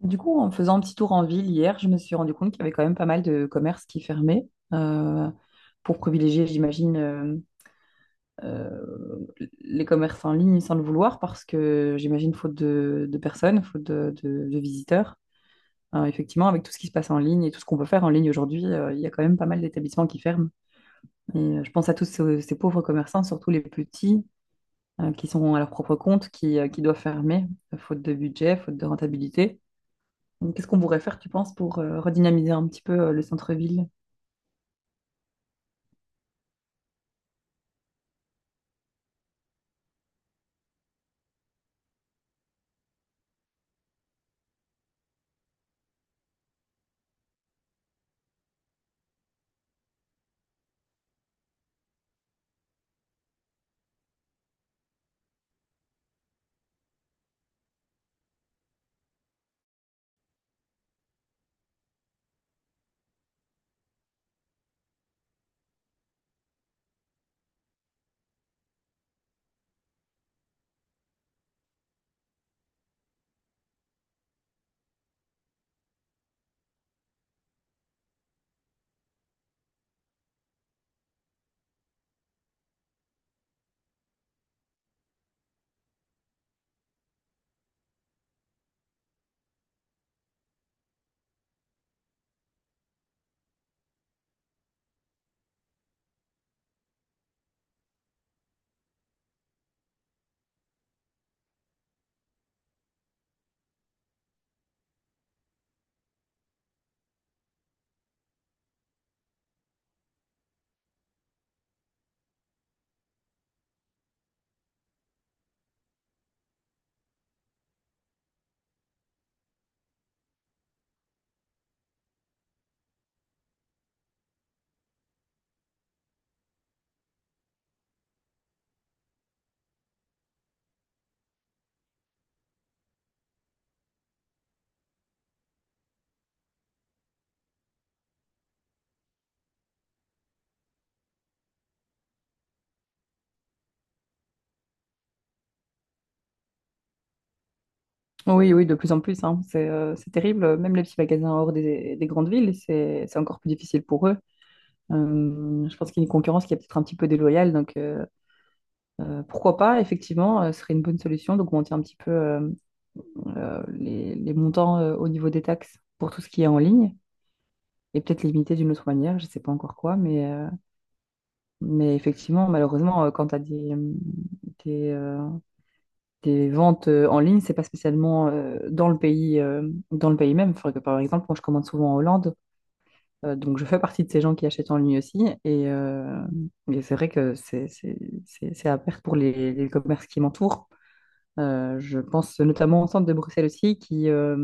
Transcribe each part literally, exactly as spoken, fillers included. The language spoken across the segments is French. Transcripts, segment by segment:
Du coup, en faisant un petit tour en ville hier, je me suis rendu compte qu'il y avait quand même pas mal de commerces qui fermaient euh, pour privilégier, j'imagine, euh, euh, les commerces en ligne sans le vouloir parce que j'imagine faute de, de personnes, faute de, de- de visiteurs. Euh, effectivement, avec tout ce qui se passe en ligne et tout ce qu'on peut faire en ligne aujourd'hui, euh, il y a quand même pas mal d'établissements qui ferment. Et euh, je pense à tous ces, ces pauvres commerçants, surtout les petits, euh, qui sont à leur propre compte, qui, euh, qui doivent fermer, faute de budget, faute de rentabilité. Donc, qu'est-ce qu'on pourrait faire, tu penses, pour euh, redynamiser un petit peu euh, le centre-ville? Oui, oui, de plus en plus, hein. C'est euh, c'est terrible. Même les petits magasins hors des, des grandes villes, c'est c'est encore plus difficile pour eux. Euh, je pense qu'il y a une concurrence qui est peut-être un petit peu déloyale. Donc, euh, euh, pourquoi pas, effectivement, euh, ce serait une bonne solution d'augmenter un petit peu euh, euh, les, les montants euh, au niveau des taxes pour tout ce qui est en ligne. Et peut-être limiter d'une autre manière, je ne sais pas encore quoi, mais, euh, mais effectivement, malheureusement, euh, quand tu as des, euh, des, euh, des ventes euh, en ligne, c'est pas spécialement euh, dans le pays, euh, dans le pays même. Faudrait que, par exemple, moi, je commande souvent en Hollande, euh, donc je fais partie de ces gens qui achètent en ligne aussi. Et, euh, et c'est vrai que c'est c'est- c'est- c'est à perte pour les, les commerces qui m'entourent. Euh, je pense notamment au centre de Bruxelles aussi, qui, euh,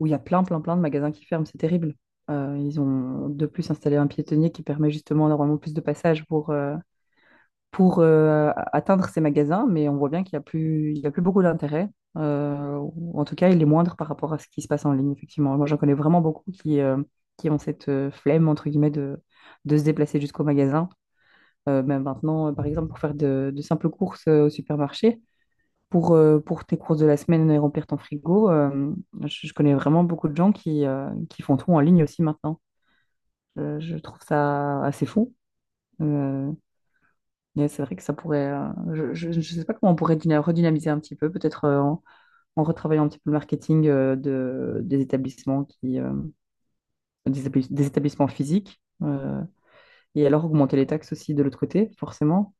où il y a plein, plein, plein de magasins qui ferment. C'est terrible. Euh, ils ont de plus installé un piétonnier qui permet justement normalement plus de passage pour, euh, pour euh, atteindre ces magasins, mais on voit bien qu'il n'y a plus, il y a plus beaucoup d'intérêt. Euh, ou en tout cas, il est moindre par rapport à ce qui se passe en ligne, effectivement. Moi, j'en connais vraiment beaucoup qui, euh, qui ont cette euh, flemme, entre guillemets, de, de se déplacer jusqu'au magasin. Euh, même maintenant, euh, par exemple, pour faire de, de simples courses euh, au supermarché, pour, euh, pour tes courses de la semaine et remplir ton frigo, euh, je, je connais vraiment beaucoup de gens qui, euh, qui font tout en ligne aussi maintenant. Euh, je trouve ça assez fou. Euh, mais c'est vrai que ça pourrait. Euh, je ne sais pas comment on pourrait dyna- redynamiser un petit peu, peut-être euh, en, en retravaillant un petit peu le marketing euh, de, des établissements qui, euh, des, établis- des établissements physiques. Euh, et alors augmenter les taxes aussi de l'autre côté, forcément.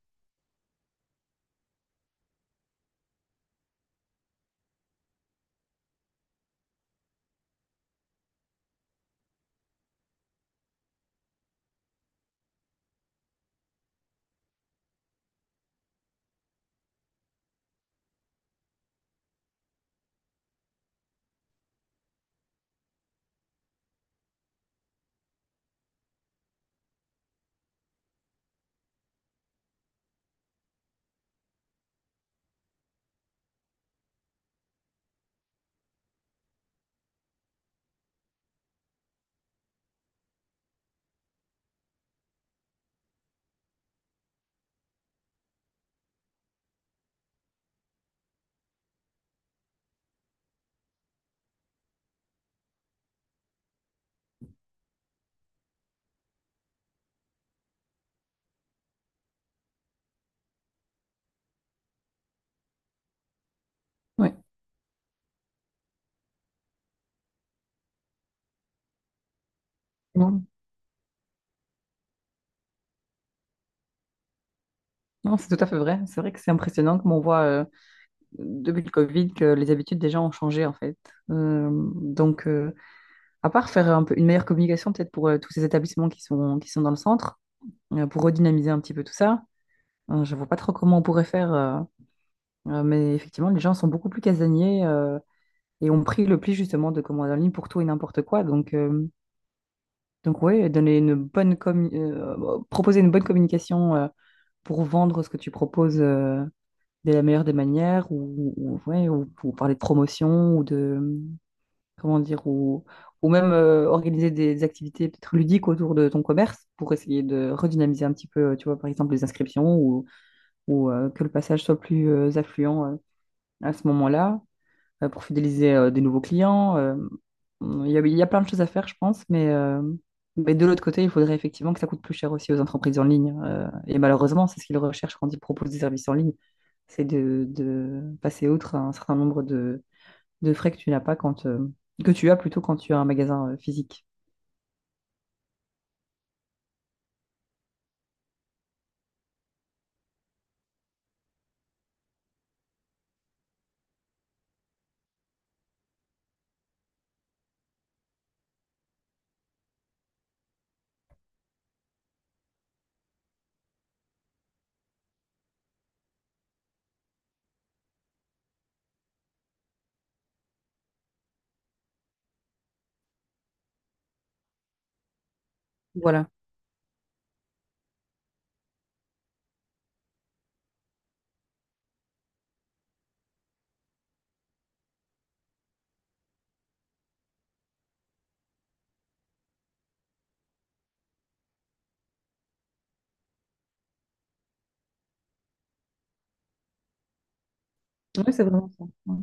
Oui. Non, non, c'est tout à fait vrai. C'est vrai que c'est impressionnant comme on voit euh, depuis le Covid que les habitudes des gens ont changé en fait. Euh, donc, euh, à part faire un peu une meilleure communication peut-être pour euh, tous ces établissements qui sont, qui sont dans le centre, euh, pour redynamiser un petit peu tout ça. Euh, Je vois pas trop comment on pourrait faire. Euh, Euh, mais effectivement, les gens sont beaucoup plus casaniers euh, et ont pris le pli justement de commander en ligne pour tout et n'importe quoi. Donc, euh, donc ouais, donner une bonne commu- euh, euh, proposer une bonne communication euh, pour vendre ce que tu proposes euh, de la meilleure des manières ou, ou- ouais, ou pour parler de promotion ou de, comment dire, ou, ou même euh, organiser des activités peut-être ludiques autour de ton commerce pour essayer de redynamiser un petit peu, euh, tu vois, par exemple, les inscriptions ou, ou euh, que le passage soit plus euh, affluent euh, à ce moment-là. Euh, pour fidéliser euh, des nouveaux clients. Euh, il y a, il y a plein de choses à faire, je pense, mais, euh, mais de l'autre côté, il faudrait effectivement que ça coûte plus cher aussi aux entreprises en ligne. Euh, et malheureusement, c'est ce qu'ils recherchent quand ils proposent des services en ligne, c'est de, de passer outre un certain nombre de, de frais que tu n'as pas quand, euh, que tu as plutôt quand tu as un magasin euh, physique. Voilà. Oui, c'est vraiment ça. Ouais.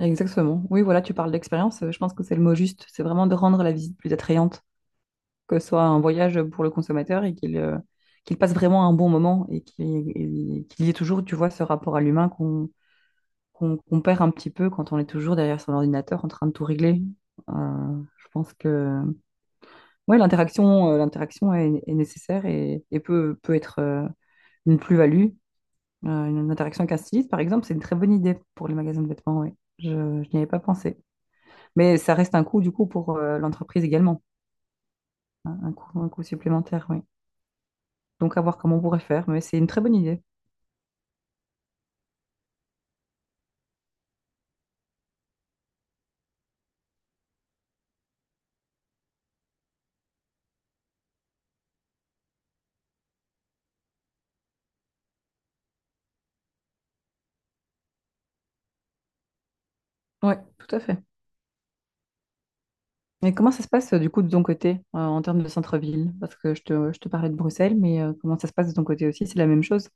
Exactement. Oui, voilà, tu parles d'expérience. euh, Je pense que c'est le mot juste. C'est vraiment de rendre la visite plus attrayante, que ce soit un voyage pour le consommateur et qu'il euh, qu'il passe vraiment un bon moment et qu'il et qu'il y ait toujours, tu vois, ce rapport à l'humain qu'on qu'on qu'on perd un petit peu quand on est toujours derrière son ordinateur en train de tout régler. Euh, je pense que ouais, l'interaction euh, l'interaction est, est nécessaire et, et peut, peut être euh, une plus-value. Euh, une interaction avec un styliste, par exemple, c'est une très bonne idée pour les magasins de vêtements, ouais. Je, je n'y avais pas pensé. Mais ça reste un coût, du coup, pour euh, l'entreprise également, hein, un coût, un coût supplémentaire, oui. Donc à voir comment on pourrait faire, mais c'est une très bonne idée. Oui, tout à fait. Et comment ça se passe euh, du coup de ton côté euh, en termes de centre-ville? Parce que je te, je te parlais de Bruxelles, mais euh, comment ça se passe de ton côté aussi? C'est la même chose?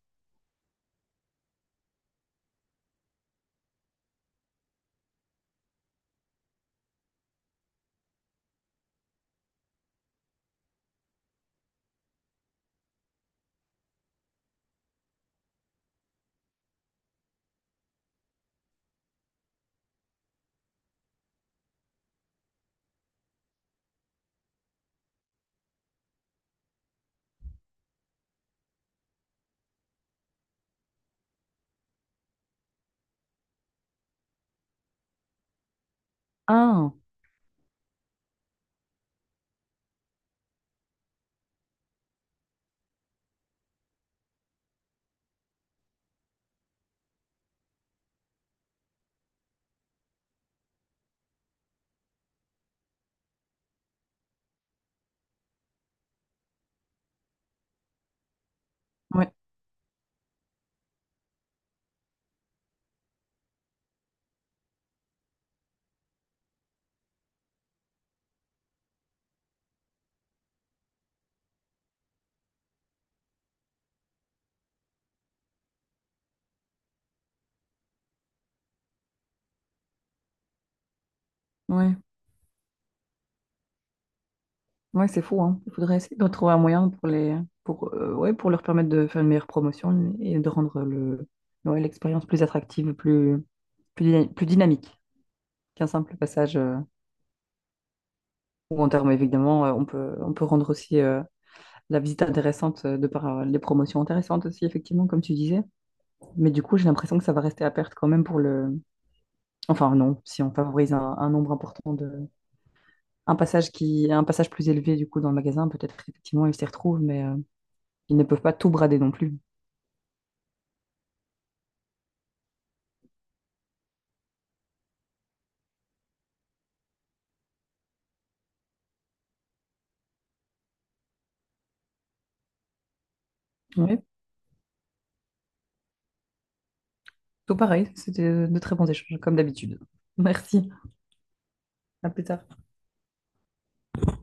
Ah, ouais, ouais, ouais, c'est fou, hein. Il faudrait essayer de trouver un moyen pour les, pour, euh, ouais, pour leur permettre de faire une meilleure promotion et de rendre le, ouais, l'expérience plus attractive, plus, plus, dyna- plus dynamique qu'un simple passage. Euh, ou en termes, évidemment, euh, on peut, on peut rendre aussi euh, la visite intéressante euh, de par euh, les promotions intéressantes aussi, effectivement, comme tu disais. Mais du coup, j'ai l'impression que ça va rester à perte quand même pour le. Enfin, non, si on favorise un, un nombre important de. Un passage qui... un passage plus élevé, du coup, dans le magasin, peut-être qu'effectivement, ils s'y retrouvent, mais euh, ils ne peuvent pas tout brader non plus. Oui, tout pareil. C'était de très bons échanges, comme d'habitude. Merci. À plus tard.